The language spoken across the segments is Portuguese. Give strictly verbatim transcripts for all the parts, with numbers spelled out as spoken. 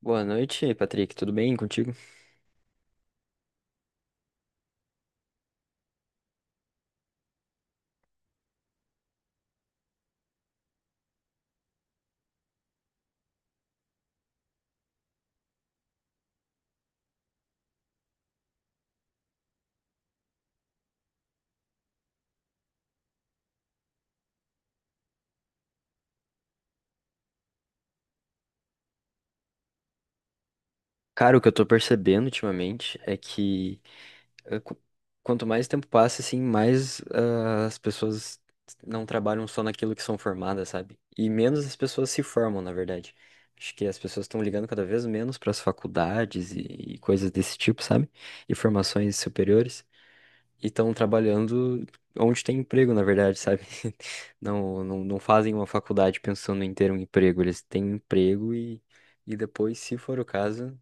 Boa noite, Patrick. Tudo bem contigo? Cara, o que eu tô percebendo ultimamente é que eh, qu- quanto mais tempo passa, assim, mais ah, as pessoas não trabalham só naquilo que são formadas, sabe? E menos as pessoas se formam, na verdade. Acho que as pessoas estão ligando cada vez menos para as faculdades e, e coisas desse tipo, sabe? E formações superiores. E estão trabalhando onde tem emprego, na verdade, sabe? Não, não, não fazem uma faculdade pensando em ter um emprego, eles têm um emprego e, e depois, se for o caso,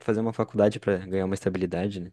fazer uma faculdade para ganhar uma estabilidade, né?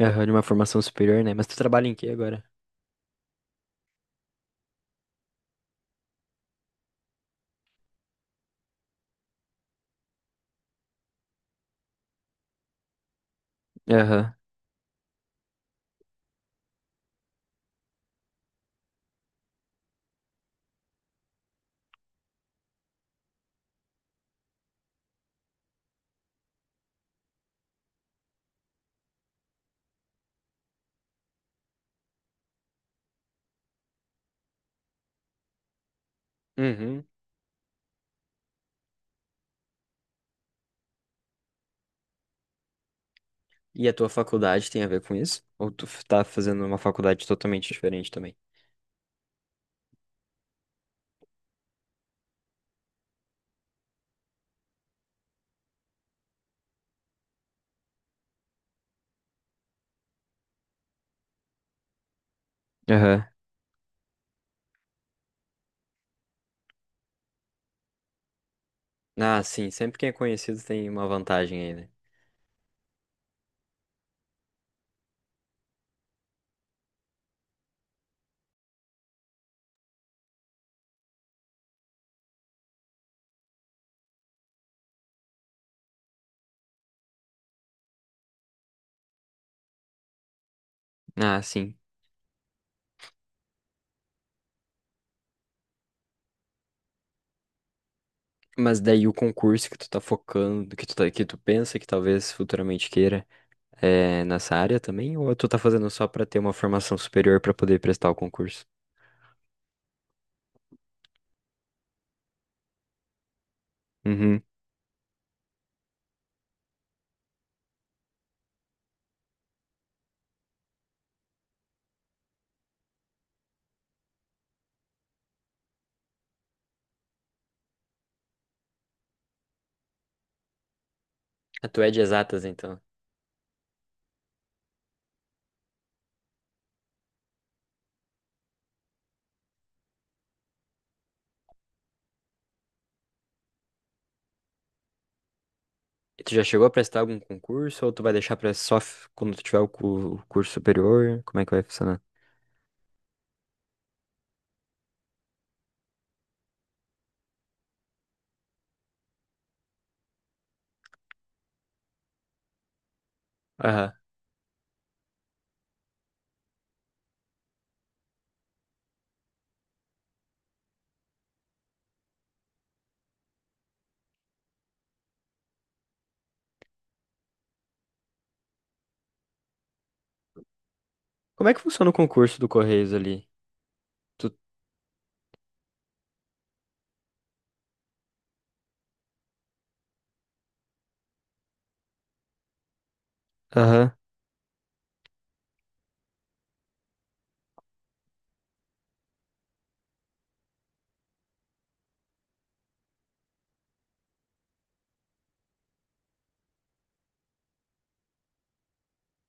Aham, de uma formação superior, né? Mas tu trabalha em quê agora? Aham. Uhum. E a tua faculdade tem a ver com isso? Ou tu f- tá fazendo uma faculdade totalmente diferente também? Aham. Ah, sim, sempre quem é conhecido tem uma vantagem aí, né? Ah, sim. Mas daí o concurso que tu tá focando, que tu, tá- que tu pensa que talvez futuramente queira, é nessa área também? Ou tu tá fazendo só pra ter uma formação superior pra poder prestar o concurso? Uhum. Ah, tu é de exatas, então. E tu já chegou a prestar algum concurso ou tu vai deixar pra só f- quando tu tiver o cu- o curso superior? Como é que vai funcionar? Aham. Como é que funciona o concurso do Correios ali? Tu... Aham,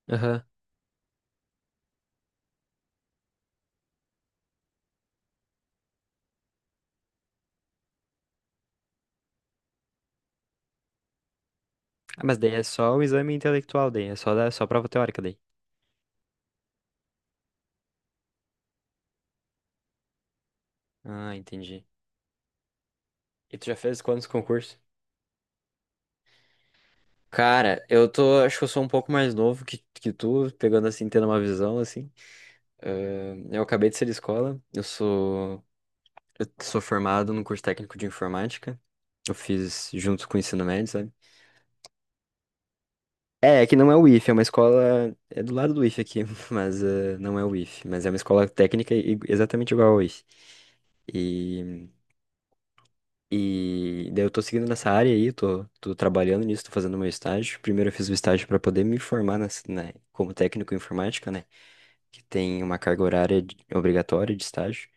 aham. Ah, mas daí é só o exame intelectual, daí é só, da- só prova teórica daí. Ah, entendi. E tu já fez quantos concursos? Cara, eu tô, acho que eu sou um pouco mais novo que, que tu, pegando assim, tendo uma visão assim. Ahn, eu acabei de ser de escola, eu sou, eu sou formado no curso técnico de informática. Eu fiz junto com o ensino médio, sabe? É, é que não é o ife, é uma escola, é do lado do ife aqui, mas eh, não é o ife, mas é uma escola técnica i- exatamente igual ao ife. E, e daí eu tô seguindo nessa área aí, tô, tô trabalhando nisso, tô fazendo meu estágio. Primeiro eu fiz o estágio pra poder me formar nas- na, como técnico em informática, né? Que tem uma carga horária de- obrigatória de estágio.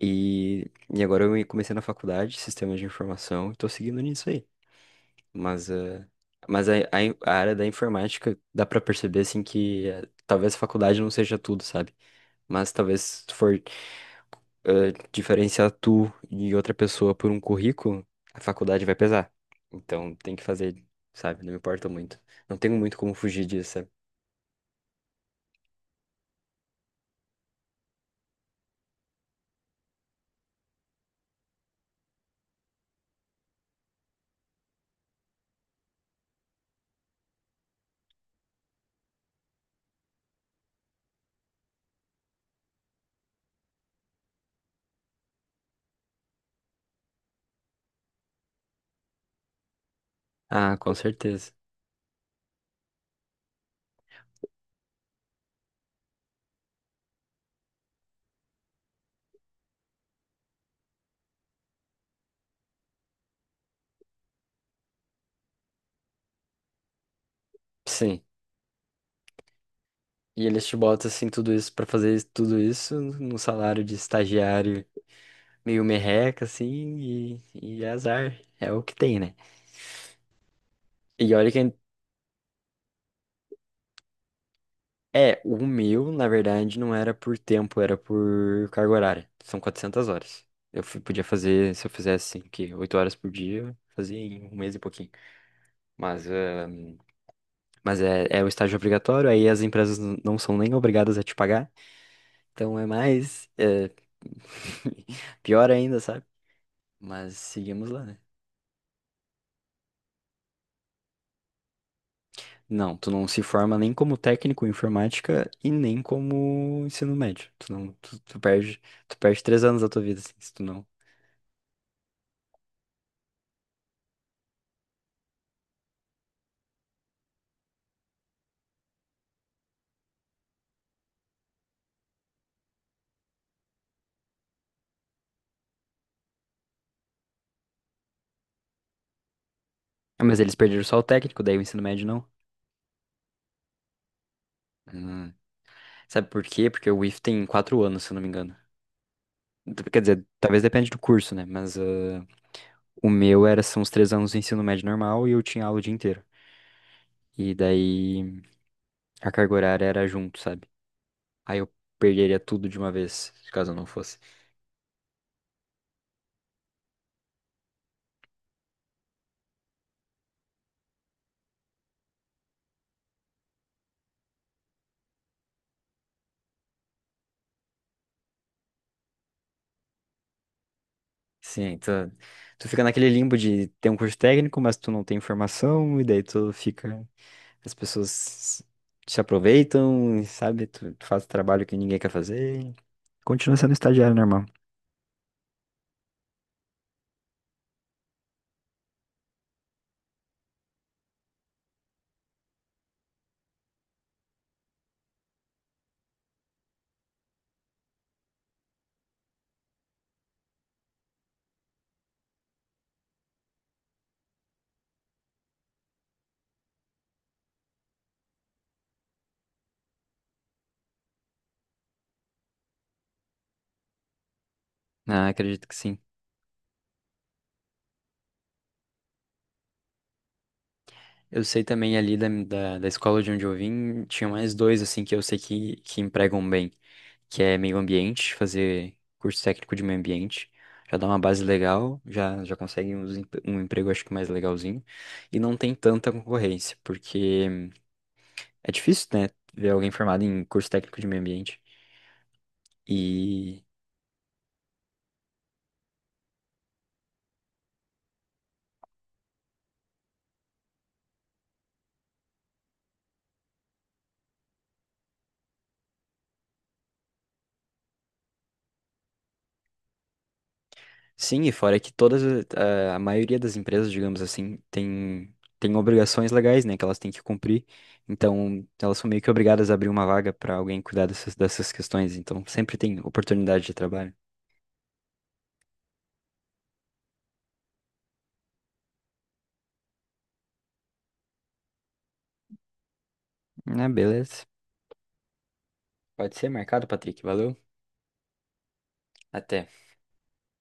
E, e agora eu comecei na faculdade, sistemas de informação, e tô seguindo nisso aí. Mas, eh, mas a, a, in- a área da informática dá pra perceber, assim, que eh, talvez a faculdade não seja tudo, sabe? Mas talvez se tu for eh, diferenciar tu e outra pessoa por um currículo, a faculdade vai pesar. Então tem que fazer, sabe? Não me importa muito. Não tenho muito como fugir disso, sabe? Ah, com certeza. Sim. E eles te botam assim tudo isso pra fazer isso- tudo isso num salário de estagiário meio merreca assim e, e é azar, é o que tem, né? E olha que é, o meu, na verdade, não era por tempo, era por carga horária. São quatrocentas horas. Eu fi- podia fazer, se eu fizesse assim, que oito horas por dia, eu fazia em um mês e pouquinho. Mas, ah, mas é, é o estágio obrigatório, aí as empresas n- não são nem obrigadas a te pagar. Então é mais, é, pior ainda, sabe? Mas seguimos lá, né? Não, tu não se forma nem como técnico em informática e nem como ensino médio. Tu não, tu, tu perde, tu perde três anos da tua vida, assim, se tu não. Ah, mas eles perderam só o técnico, daí o ensino médio não. Hum. Sabe por quê? Porque o I F tem quatro anos, se eu não me engano. Então, quer dizer, talvez depende do curso, né? Mas ah, o meu era, são os três anos do ensino médio normal e eu tinha aula o dia inteiro. E daí a carga horária era junto, sabe? Aí eu perderia tudo de uma vez, caso eu não fosse. Sim, tu, tu fica naquele limbo de ter um curso técnico, mas tu não tem formação, e daí tu fica. As pessoas te aproveitam, sabe? Tu, tu faz trabalho que ninguém quer fazer. Continua sendo estagiário normal. Ah, acredito que sim. Eu sei também ali da, da, da escola de onde eu vim, tinha mais dois, assim, que eu sei que, que empregam bem, que é meio ambiente, fazer curso técnico de meio ambiente, já dá uma base legal, já, já consegue uns em- um, emprego, acho que mais legalzinho, e não tem tanta concorrência, porque é difícil, né, ver alguém formado em curso técnico de meio ambiente, Sim, e fora que todas, eh, a maioria das empresas, digamos assim, tem, tem obrigações legais, né, que elas têm que cumprir. Então, elas são meio que obrigadas a abrir uma vaga para alguém cuidar dessas, dessas questões. Então, sempre tem oportunidade de trabalho. Ah, beleza. Pode ser marcado, Patrick. Valeu. Até.